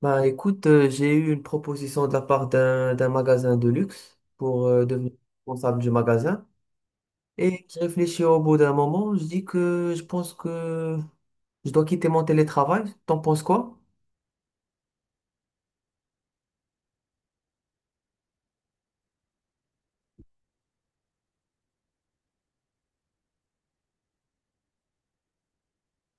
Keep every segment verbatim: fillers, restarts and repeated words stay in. Bah écoute, euh, j'ai eu une proposition de la part d'un d'un magasin de luxe pour euh, devenir responsable du magasin. Et j'ai réfléchi au bout d'un moment, je dis que je pense que je dois quitter mon télétravail. T'en penses quoi?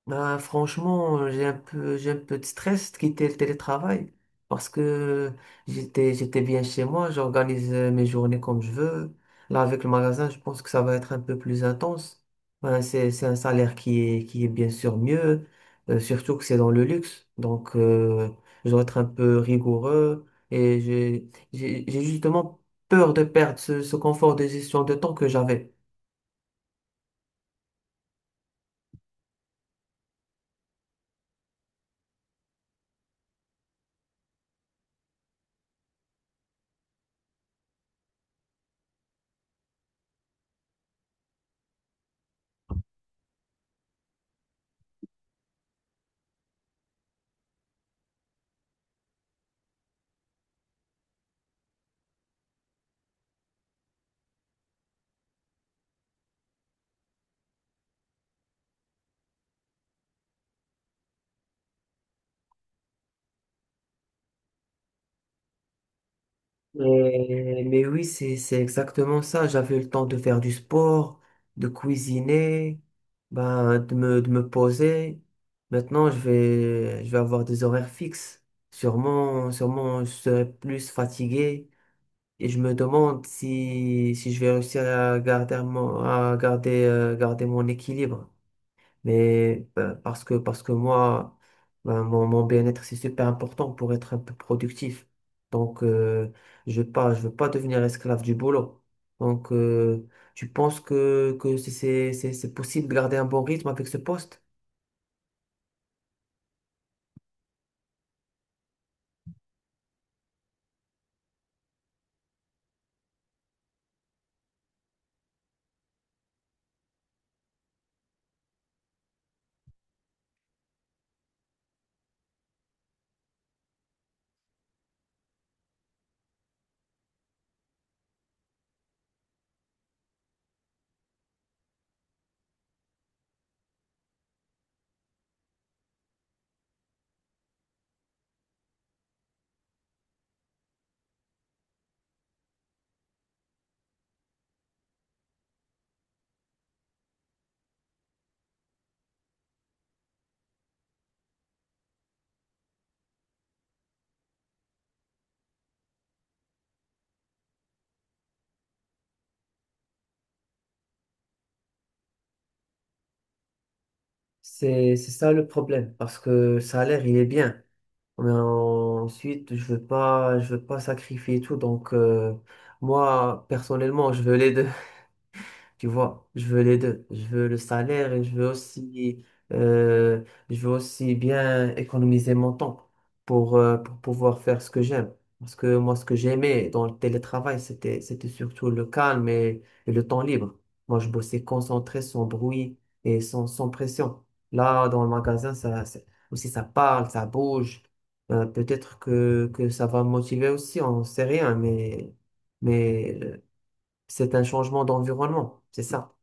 Bah, franchement, euh, j'ai un peu, j'ai un peu de stress de quitter le télétravail parce que j'étais, j'étais bien chez moi, j'organise euh, mes journées comme je veux. Là, avec le magasin, je pense que ça va être un peu plus intense. Ben, c'est, c'est un salaire qui est, qui est bien sûr mieux, euh, surtout que c'est dans le luxe. Donc, euh, je dois être un peu rigoureux et j'ai, j'ai j'ai justement peur de perdre ce, ce confort de gestion de temps que j'avais. Mais, mais oui, c'est, c'est exactement ça. J'avais le temps de faire du sport, de cuisiner, ben, de me, de me poser. Maintenant, je vais, je vais avoir des horaires fixes. Sûrement, sûrement, je serai plus fatigué. Et je me demande si, si je vais réussir à garder mon, à garder, euh, garder mon équilibre. Mais euh, parce que, parce que moi, ben, mon, mon bien-être, c'est super important pour être un peu productif. Donc, euh, je veux pas, je veux pas devenir esclave du boulot. Donc, euh, tu penses que, que c'est c'est- c'est- c'est possible de garder un bon rythme avec ce poste? C'est c'est ça le problème, parce que le salaire, il est bien. Mais ensuite, je veux pas, je veux pas sacrifier tout. Donc, euh, moi, personnellement, je veux les deux. Tu vois, je veux les deux. Je veux le salaire et je veux aussi, euh, je veux aussi bien économiser mon temps pour, euh, pour pouvoir faire ce que j'aime. Parce que moi, ce que j'aimais dans le télétravail, c'était, c'était surtout le calme et, et le temps libre. Moi, je bossais concentré, sans bruit et sans, sans pression. Là, dans le magasin, ça, ça- aussi, ça parle, ça bouge. Euh, peut-être que, que ça va me motiver aussi, on sait rien, mais, mais euh, c'est un changement d'environnement, c'est ça.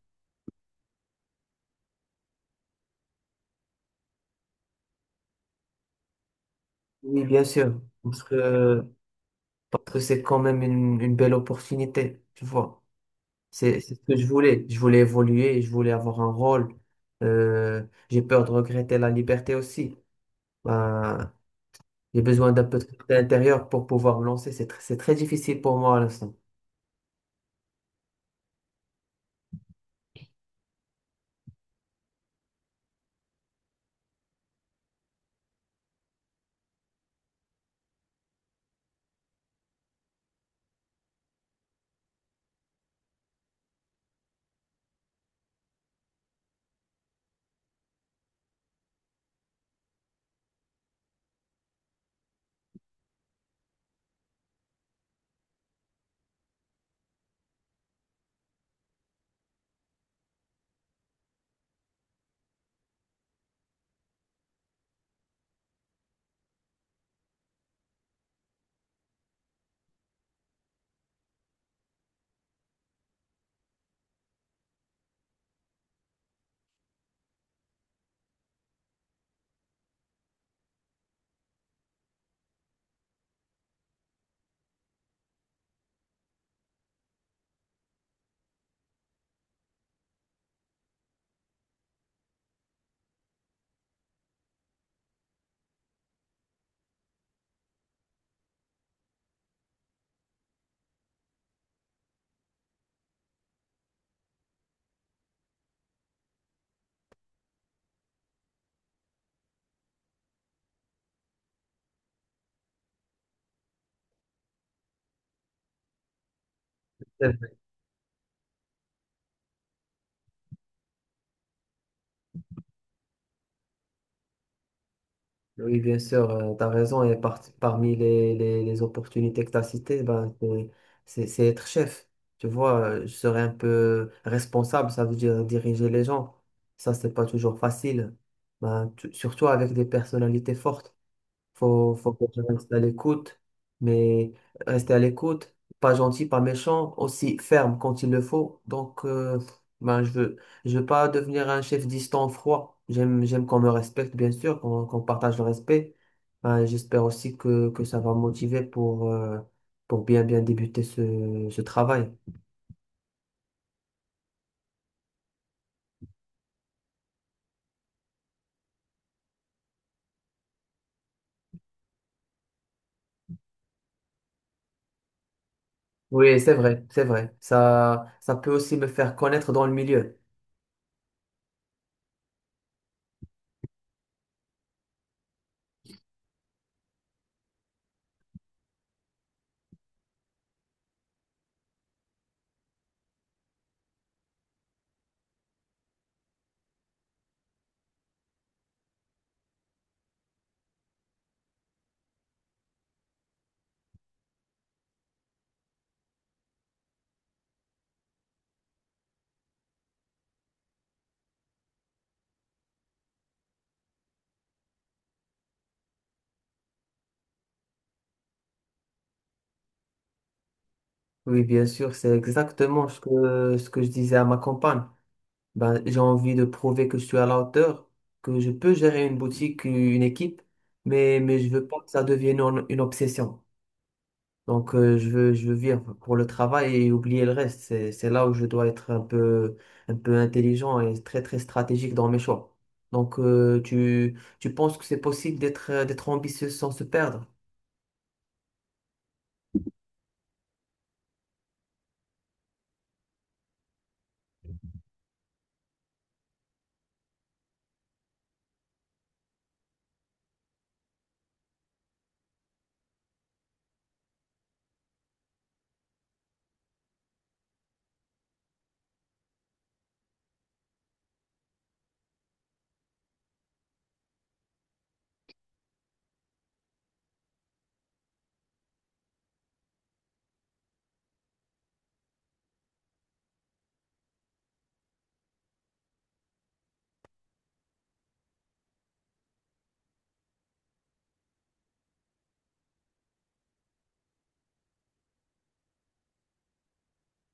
Oui, bien sûr, parce que, parce que c'est quand même une, une belle opportunité, tu vois. C'est c'est ce que je voulais. Je voulais évoluer, je voulais avoir un rôle. Euh, j'ai peur de regretter la liberté aussi. Ben, j'ai besoin d'un peu de liberté intérieure pour pouvoir me lancer. C'est tr- c'est très difficile pour moi à l'instant. Oui, bien sûr, tu as raison. Et par- parmi les, les, les opportunités que tu as citées, ben, c'est c'est- c'est être chef. Tu vois, euh, je serais un peu responsable, ça veut dire diriger les gens. Ça, c'est pas toujours facile. Ben, tu- surtout avec des personnalités fortes. Faut, faut que je reste à l'écoute, mais rester à l'écoute, pas gentil, pas méchant, aussi ferme quand il le faut. Donc, euh, ben, je veux, je veux pas devenir un chef distant, froid. J'aime, j'aime qu'on me respecte, bien sûr, qu'on qu'on partage le respect. Ben, j'espère aussi que, que ça va me motiver pour, euh, pour bien, bien débuter ce, ce travail. Oui, c'est vrai, c'est vrai. Ça, ça peut aussi me faire connaître dans le milieu. Oui, bien sûr, c'est exactement ce que, ce que je disais à ma compagne. Ben, j'ai envie de prouver que je suis à la hauteur, que je peux gérer une boutique, une équipe, mais, mais je veux pas que ça devienne une, une obsession. Donc, euh, je veux, je veux vivre pour le travail et oublier le reste. C'est, c'est là où je dois être un peu, un peu intelligent et très, très stratégique dans mes choix. Donc, euh, tu, tu penses que c'est possible d'être, d'être ambitieux sans se perdre?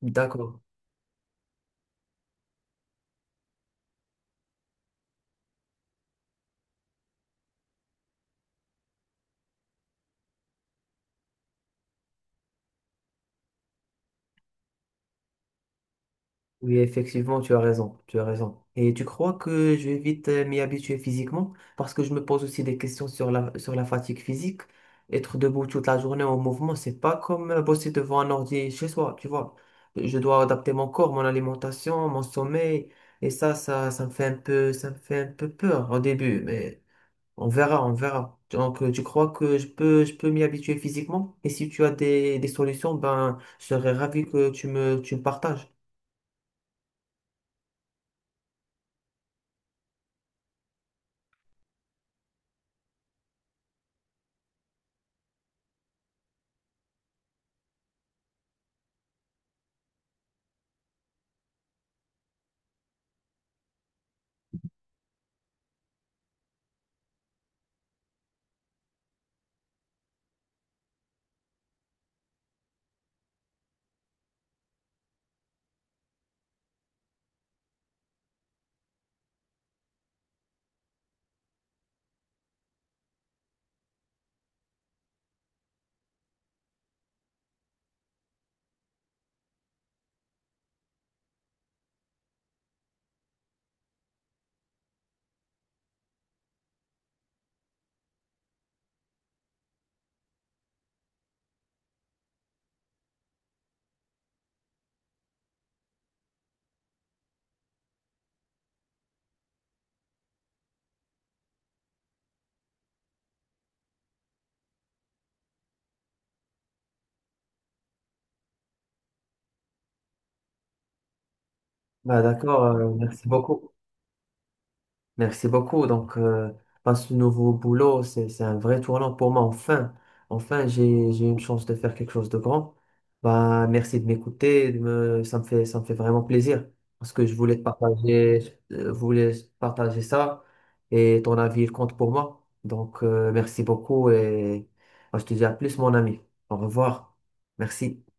D'accord. Oui, effectivement, tu as raison, tu as raison. Et tu crois que je vais vite euh, m'y habituer physiquement? Parce que je me pose aussi des questions sur la, sur la fatigue physique. Être debout toute la journée en mouvement, c'est pas comme euh, bosser devant un ordi chez soi, tu vois. Je dois adapter mon corps, mon alimentation, mon sommeil. Et ça, ça, ça me fait un peu, ça me fait un peu peur au début, mais on verra, on verra. Donc, euh, tu crois que je peux, je peux m'y habituer physiquement? Et si tu as des, des solutions, ben, je serais ravi que tu me, tu me partages. Bah, d'accord, euh, merci beaucoup. Merci beaucoup. Donc, euh, bah, ce nouveau boulot, c'est, c'est un vrai tournant pour moi. Enfin, enfin, j'ai, j'ai une chance de faire quelque chose de grand. Bah, merci de m'écouter. de me- Ça me fait, ça me fait vraiment plaisir parce que je voulais te partager, euh, voulais partager ça et ton avis, il compte pour moi. Donc, euh, merci beaucoup et bah, je te dis à plus, mon ami. Au revoir. Merci.